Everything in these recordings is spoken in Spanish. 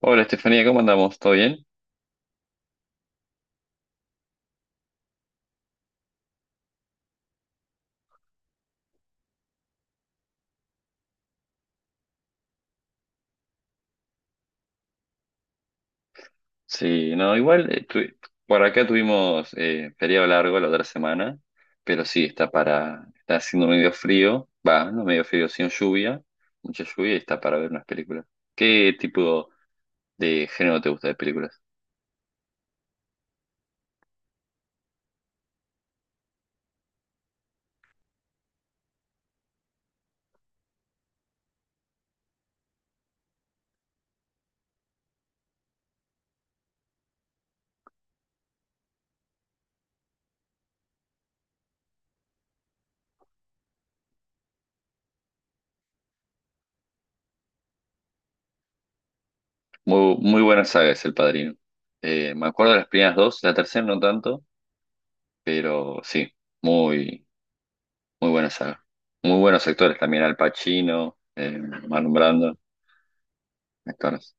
Hola Estefanía, ¿cómo andamos? ¿Todo bien? Sí, no, igual por acá tuvimos feriado largo la otra semana, pero sí, está haciendo medio frío, va, no medio frío, sino lluvia, mucha lluvia y está para ver unas películas. ¿Qué tipo de género te gusta de películas? Muy buena saga es El Padrino. Me acuerdo de las primeras dos, la tercera no tanto, pero sí, muy, muy buena saga. Muy buenos actores también, Al Pacino, Marlon Brando, actores.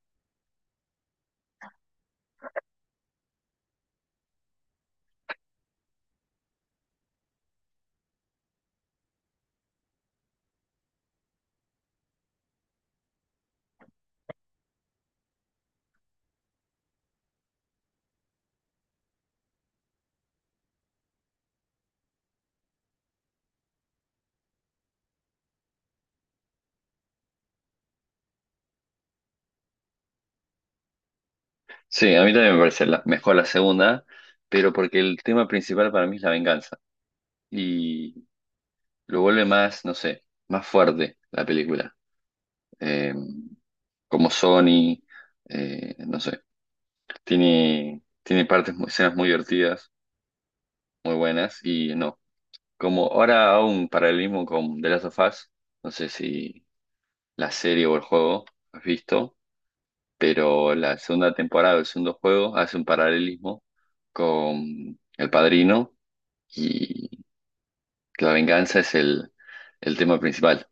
Sí, a mí también me parece mejor la segunda, pero porque el tema principal para mí es la venganza y lo vuelve más, no sé, más fuerte la película. Eh, Como Sony, no sé, tiene partes, escenas muy divertidas, muy buenas y no. Como ahora hago un paralelismo con The Last of Us, no sé si la serie o el juego has visto, pero la segunda temporada del segundo juego hace un paralelismo con El Padrino y que la venganza es el tema principal.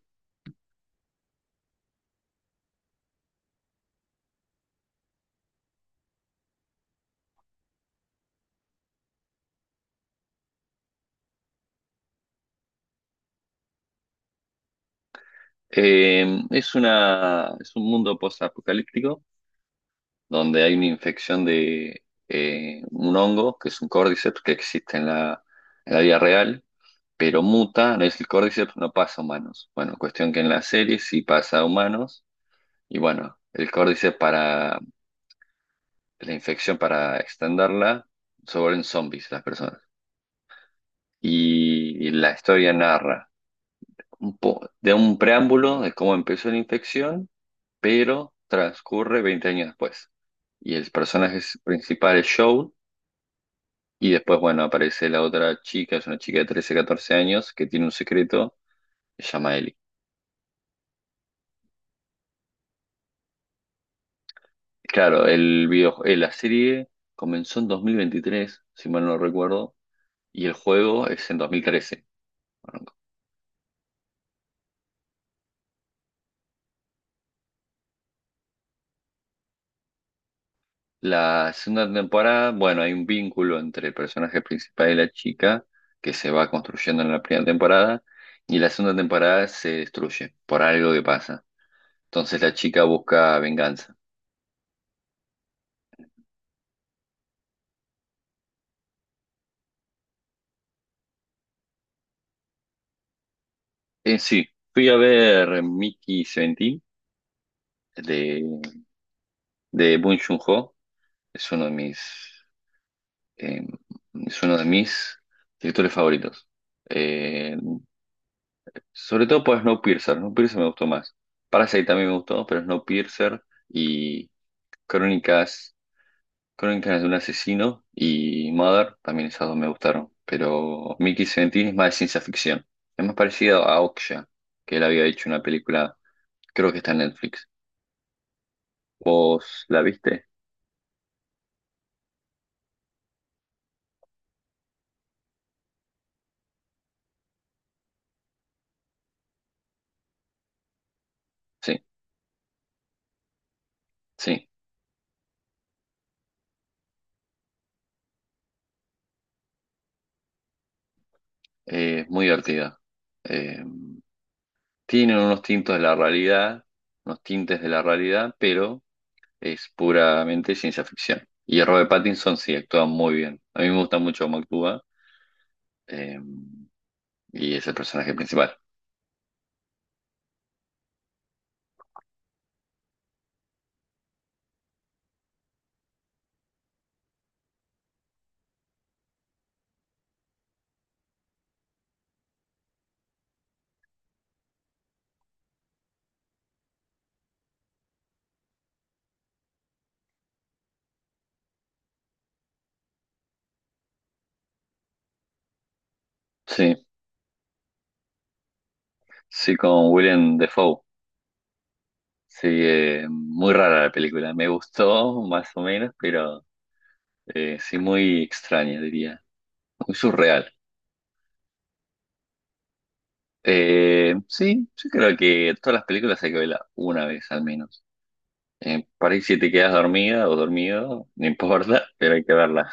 Es un mundo post-apocalíptico donde hay una infección de un hongo, que es un córdiceps, que existe en la vida real, pero muta, no es el córdiceps, no pasa a humanos. Bueno, cuestión que en la serie sí pasa a humanos, y bueno, el córdiceps para la infección, para extenderla, se vuelven zombies las personas. Y la historia narra de un preámbulo de cómo empezó la infección, pero transcurre 20 años después. Y el principal es Joel, y después, bueno, aparece la otra chica, es una chica de 13, 14 años, que tiene un secreto, se llama Ellie. Claro, la serie comenzó en 2023, si mal no recuerdo, y el juego es en 2013. La segunda temporada, bueno, hay un vínculo entre el personaje principal y la chica que se va construyendo en la primera temporada y la segunda temporada se destruye por algo que pasa. Entonces la chica busca venganza. En sí, fui a ver Mickey 17 de, de Bong Joon-ho. Es uno de mis, eh, es uno de mis directores favoritos. Eh, Sobre todo por Snowpiercer. Snowpiercer me gustó más. Parasite también me gustó, pero Snowpiercer y Crónicas, Crónicas de un asesino y Mother, también esas dos me gustaron, pero Mickey Seventeen es más de ciencia ficción. Es más parecido a Okja, que él había hecho una película, creo que está en Netflix. ¿Vos la viste? Sí, sí, muy divertida. Eh, tienen unos tintos de la realidad, Unos tintes de la realidad, pero es puramente ciencia ficción. Y Robert Pattinson sí actúa muy bien. A mí me gusta mucho cómo actúa, eh, y es el personaje principal. Sí, sí, con William Defoe. Sí, muy rara la película. Me gustó más o menos, pero sí muy extraña, diría. Muy surreal. Sí, yo creo que todas las películas hay que verlas una vez al menos. Por ahí si te quedas dormida o dormido, no importa, pero hay que verla.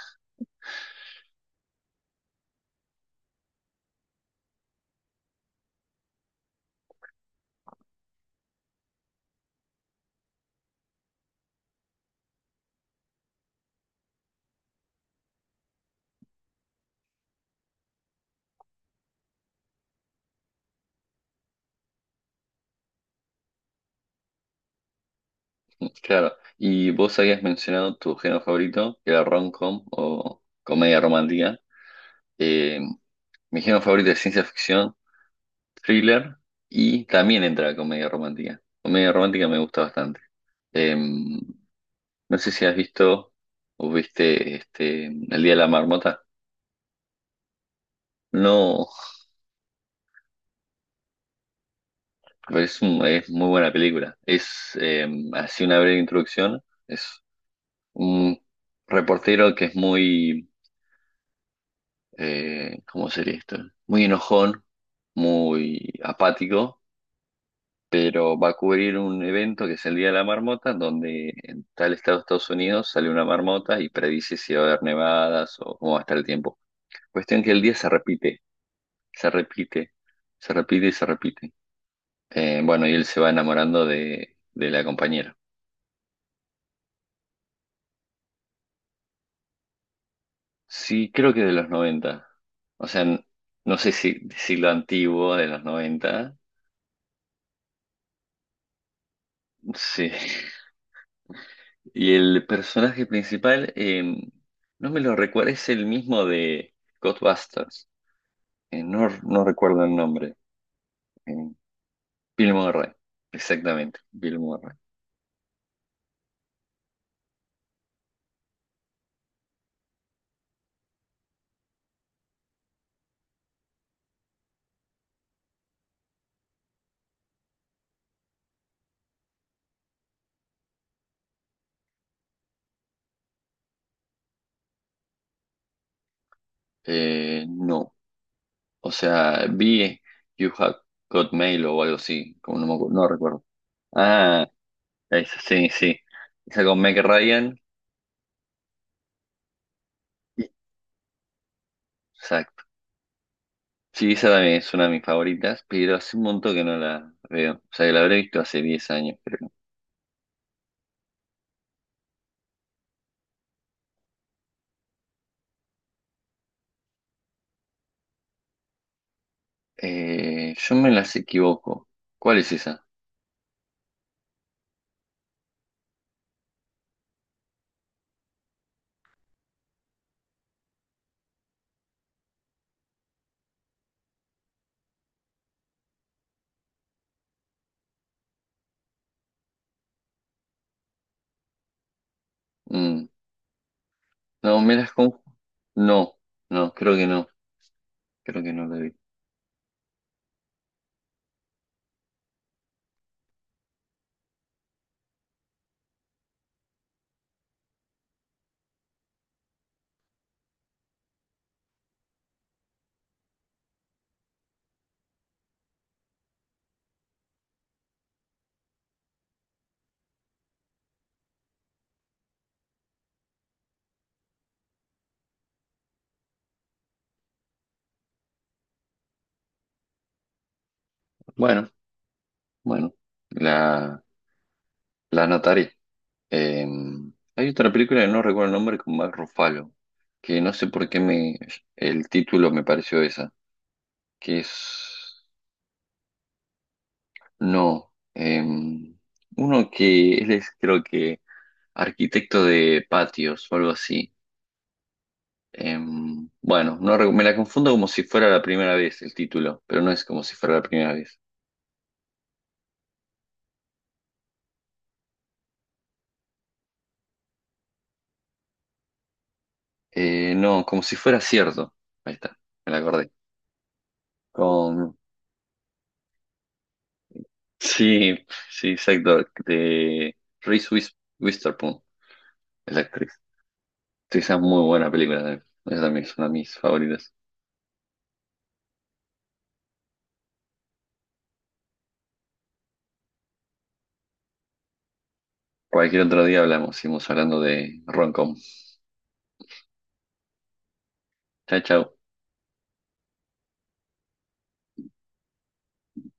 Claro. Y vos habías mencionado tu género favorito, que era rom-com o comedia romántica. Eh, Mi género favorito es ciencia ficción, thriller y también entra la comedia romántica. Comedia romántica me gusta bastante. No sé si has visto o viste este, El Día de la Marmota. No, pero es muy buena película. Es Así una breve introducción. Es un reportero que es muy, ¿cómo sería esto? Muy enojón, muy apático, pero va a cubrir un evento que es el Día de la Marmota, donde en tal estado de Estados Unidos sale una marmota y predice si va a haber nevadas o cómo va a estar el tiempo. Cuestión que el día se repite, se repite y se repite. Bueno, y él se va enamorando de la compañera. Sí, creo que de los noventa. O sea, no sé si de siglo antiguo, de los 90. Sí. Y el personaje principal, no me lo recuerdo, es el mismo de Ghostbusters. No recuerdo el nombre. eh, Bill Murray, exactamente, Bill Murray. No, o sea, vi You Have Got Mail o algo así, como no me acu- no recuerdo. Ah, esa, sí, sí. Esa con Meg Ryan, sí, exacto. Sí, esa también es una de mis favoritas, pero hace un montón que no la veo. O sea, que la habré visto hace 10 años, creo. Yo me las equivoco. ¿Cuál es esa? Mm, no, no, no, creo que no. Creo que no la vi. Bueno, bueno, la, la anotaré. Eh, Hay otra película que no recuerdo el nombre con Mark Ruffalo, que no sé por qué me, el título me pareció esa, que es, no, uno que él es creo que arquitecto de patios o algo así. Eh, bueno, no, re- me la confundo como si fuera la primera vez el título, pero no es como si fuera la primera vez. No, como si fuera cierto. Ahí está, me la acordé. Con Sí, sí, exacto. De Witherspoon es la actriz. Sí, esa es muy buena película también. Esa también es una de mis favoritas. Cualquier otro día hablamos, seguimos hablando de Roncom. Chao, chao.